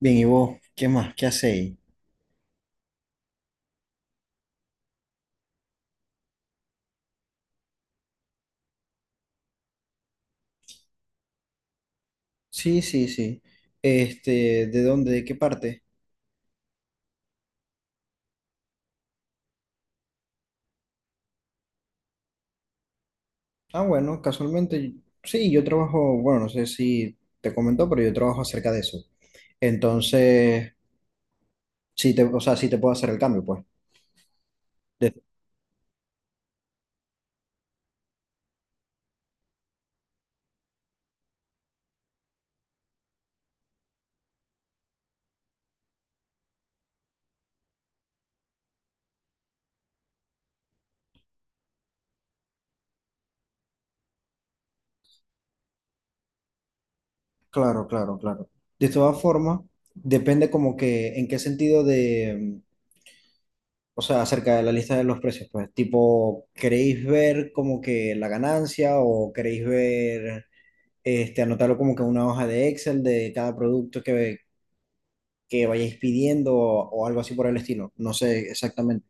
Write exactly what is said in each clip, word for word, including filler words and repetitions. Bien, ¿y vos? ¿Qué más? ¿Qué hacéis? Sí, sí, sí. Este, ¿de dónde? ¿De qué parte? Ah, bueno, casualmente, sí, yo trabajo, bueno, no sé si te comentó, pero yo trabajo acerca de eso. Entonces, sí te, o sea, sí te puedo hacer el cambio, pues. De- claro, claro, claro. De todas formas, depende como que en qué sentido de, o sea, acerca de la lista de los precios, pues, tipo, ¿queréis ver como que la ganancia o queréis ver este, anotarlo como que en una hoja de Excel de cada producto que, que vayáis pidiendo o, o algo así por el estilo. No sé exactamente.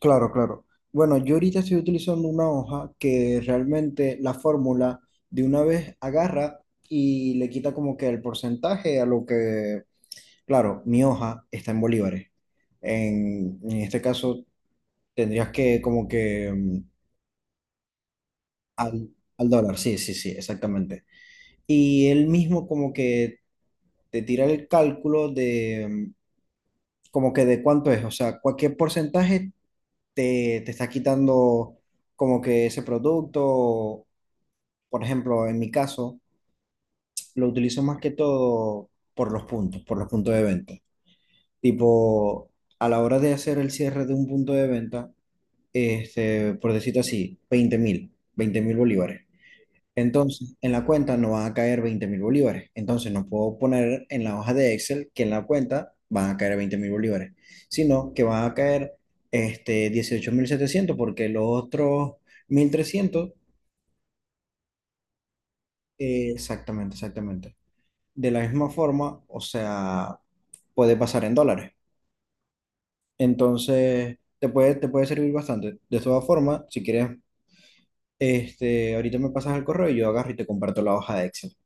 Claro, claro. Bueno, yo ahorita estoy utilizando una hoja que realmente la fórmula de una vez agarra y le quita como que el porcentaje a lo que, claro, mi hoja está en bolívares. En, en este caso tendrías que como que mm, al, al dólar, sí, sí, sí, exactamente. Y él mismo como que te tira el cálculo de mm, como que de cuánto es, o sea, cualquier porcentaje te, te está quitando como que ese producto, por ejemplo, en mi caso, lo utilizo más que todo por los puntos, por los puntos de venta. Tipo, a la hora de hacer el cierre de un punto de venta, este, por decirlo así, veinte mil, veinte mil bolívares. Entonces, en la cuenta no van a caer veinte mil bolívares. Entonces, no puedo poner en la hoja de Excel que en la cuenta van a caer veinte mil bolívares, sino que van a caer este, dieciocho mil setecientos porque los otros mil trescientos, eh, exactamente, exactamente. De la misma forma, o sea, puede pasar en dólares. Entonces, te puede, te puede servir bastante. De todas formas, si quieres, este, ahorita me pasas el correo y yo agarro y te comparto la hoja de Excel.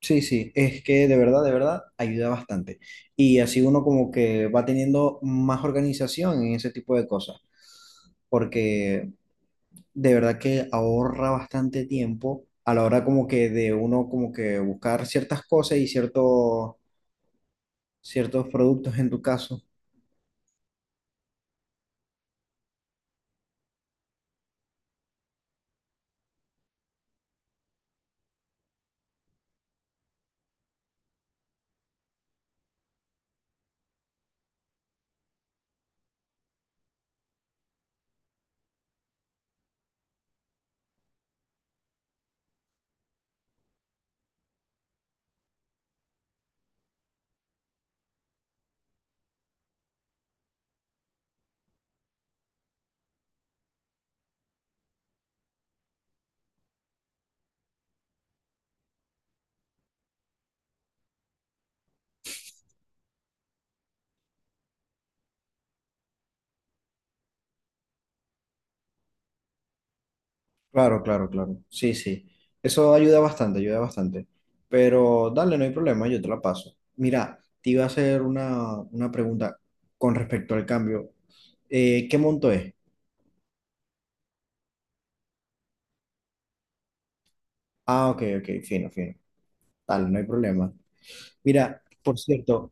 Sí, sí, es que de verdad, de verdad, ayuda bastante. Y así uno como que va teniendo más organización en ese tipo de cosas, porque de verdad que ahorra bastante tiempo a la hora como que de uno como que buscar ciertas cosas y ciertos, ciertos productos en tu caso. Claro, claro, claro. Sí, sí. Eso ayuda bastante, ayuda bastante. Pero dale, no hay problema, yo te la paso. Mira, te iba a hacer una, una pregunta con respecto al cambio. Eh, ¿qué monto es? Ah, ok, ok, fino, fino. Tal, no hay problema. Mira, por cierto,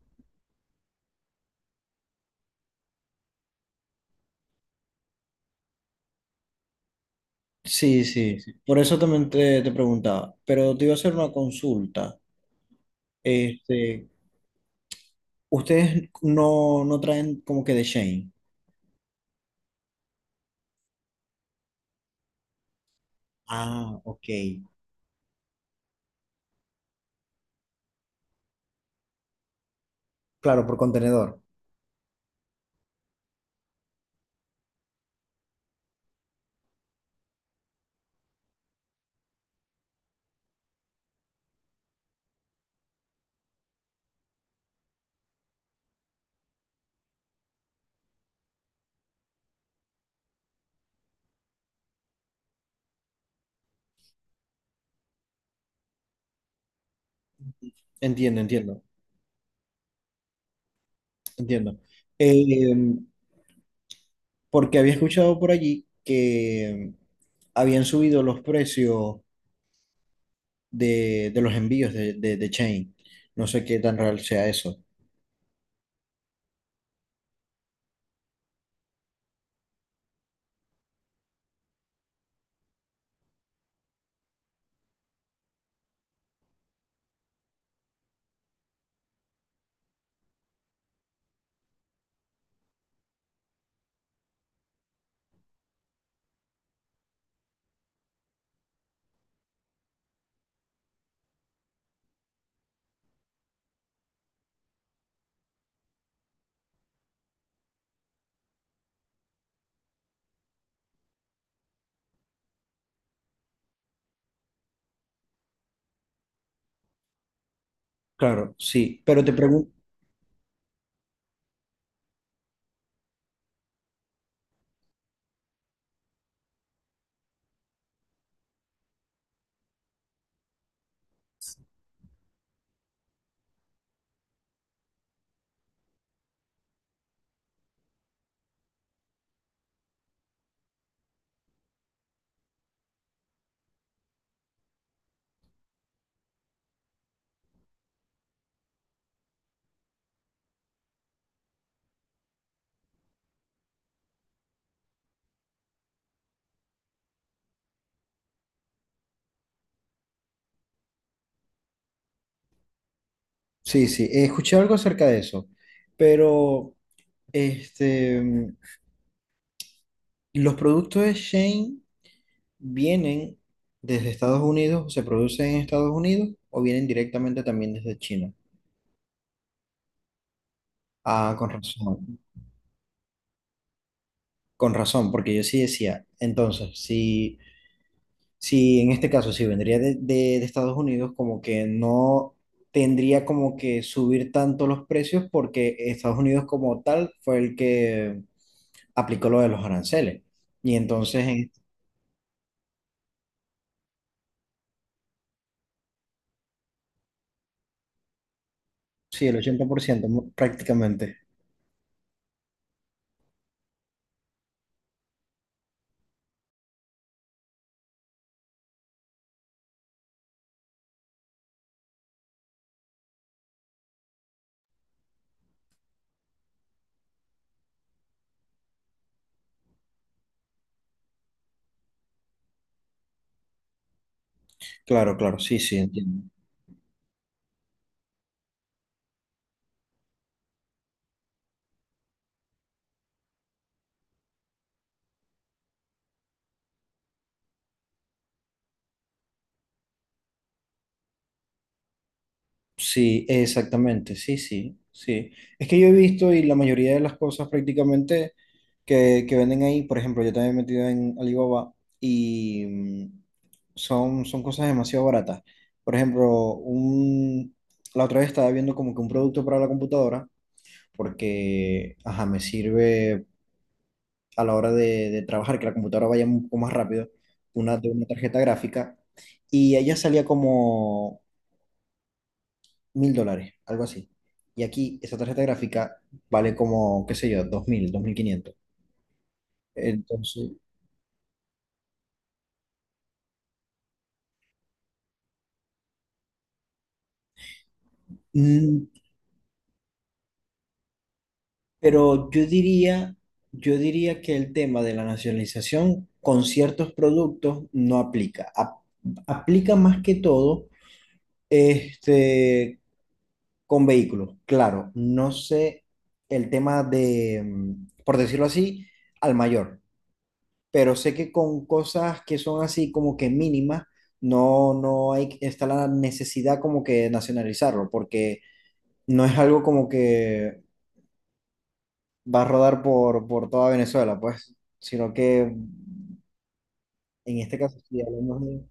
sí, sí, sí. Por eso también te, te preguntaba, pero te iba a hacer una consulta. Este, ustedes no, no traen como que de Shane. Ah, ok. Claro, por contenedor. Entiendo, entiendo, entiendo. Eh, porque había escuchado por allí que habían subido los precios de, de los envíos de, de, de Chain. No sé qué tan real sea eso. Claro, sí, pero te pregunto, sí, sí, eh, escuché algo acerca de eso, pero este, mm, los productos de Shane vienen desde Estados Unidos, se producen en Estados Unidos o vienen directamente también desde China. Ah, con razón, con razón, porque yo sí decía, entonces, si Si en este caso, si vendría de, de- de Estados Unidos, como que no tendría como que subir tanto los precios porque Estados Unidos como tal fue el que aplicó lo de los aranceles. Y entonces, en, sí, el ochenta por ciento mo- prácticamente. Claro, claro, sí, sí, entiendo. Sí, exactamente, sí, sí, sí. Es que yo he visto y la mayoría de las cosas prácticamente que, que venden ahí, por ejemplo, yo también he metido en Alibaba y mm, son, son cosas demasiado baratas. Por ejemplo, un, la otra vez estaba viendo como que un producto para la computadora, porque, ajá, me sirve a la hora de, de trabajar, que la computadora vaya un poco más rápido, una de una tarjeta gráfica, y ella salía como mil dólares, algo así. Y aquí esa tarjeta gráfica vale como, qué sé yo, dos mil, dos mil quinientos. Entonces, mm, pero yo diría, yo diría que el tema de la nacionalización con ciertos productos no aplica. Ap- aplica más que todo este, con vehículos. Claro, no sé el tema de, mm, por decirlo así, al mayor. Pero sé que con cosas que son así como que mínimas, no, no hay, está la necesidad como que de nacionalizarlo, porque no es algo como que va a rodar por, por toda Venezuela, pues, sino que en este caso sí hablamos de-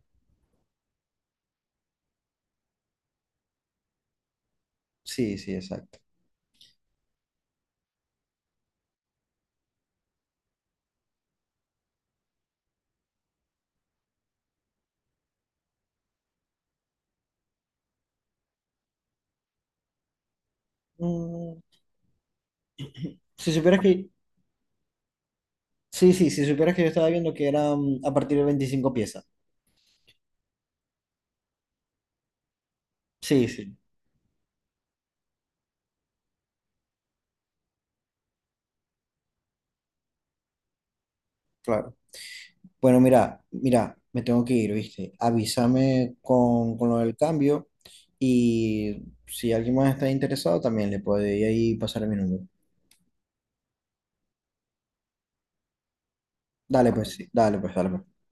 Sí, sí, exacto. Mm, si supieras que... Sí, sí, si supieras que yo estaba viendo que eran a partir de veinticinco piezas. Sí, sí, claro. Bueno, mira, mira, me tengo que ir, ¿viste? Avísame con, con lo del cambio y si alguien más está interesado, también le puede ahí pasar mi número. Dale, pues, sí, dale, pues, dale, pues.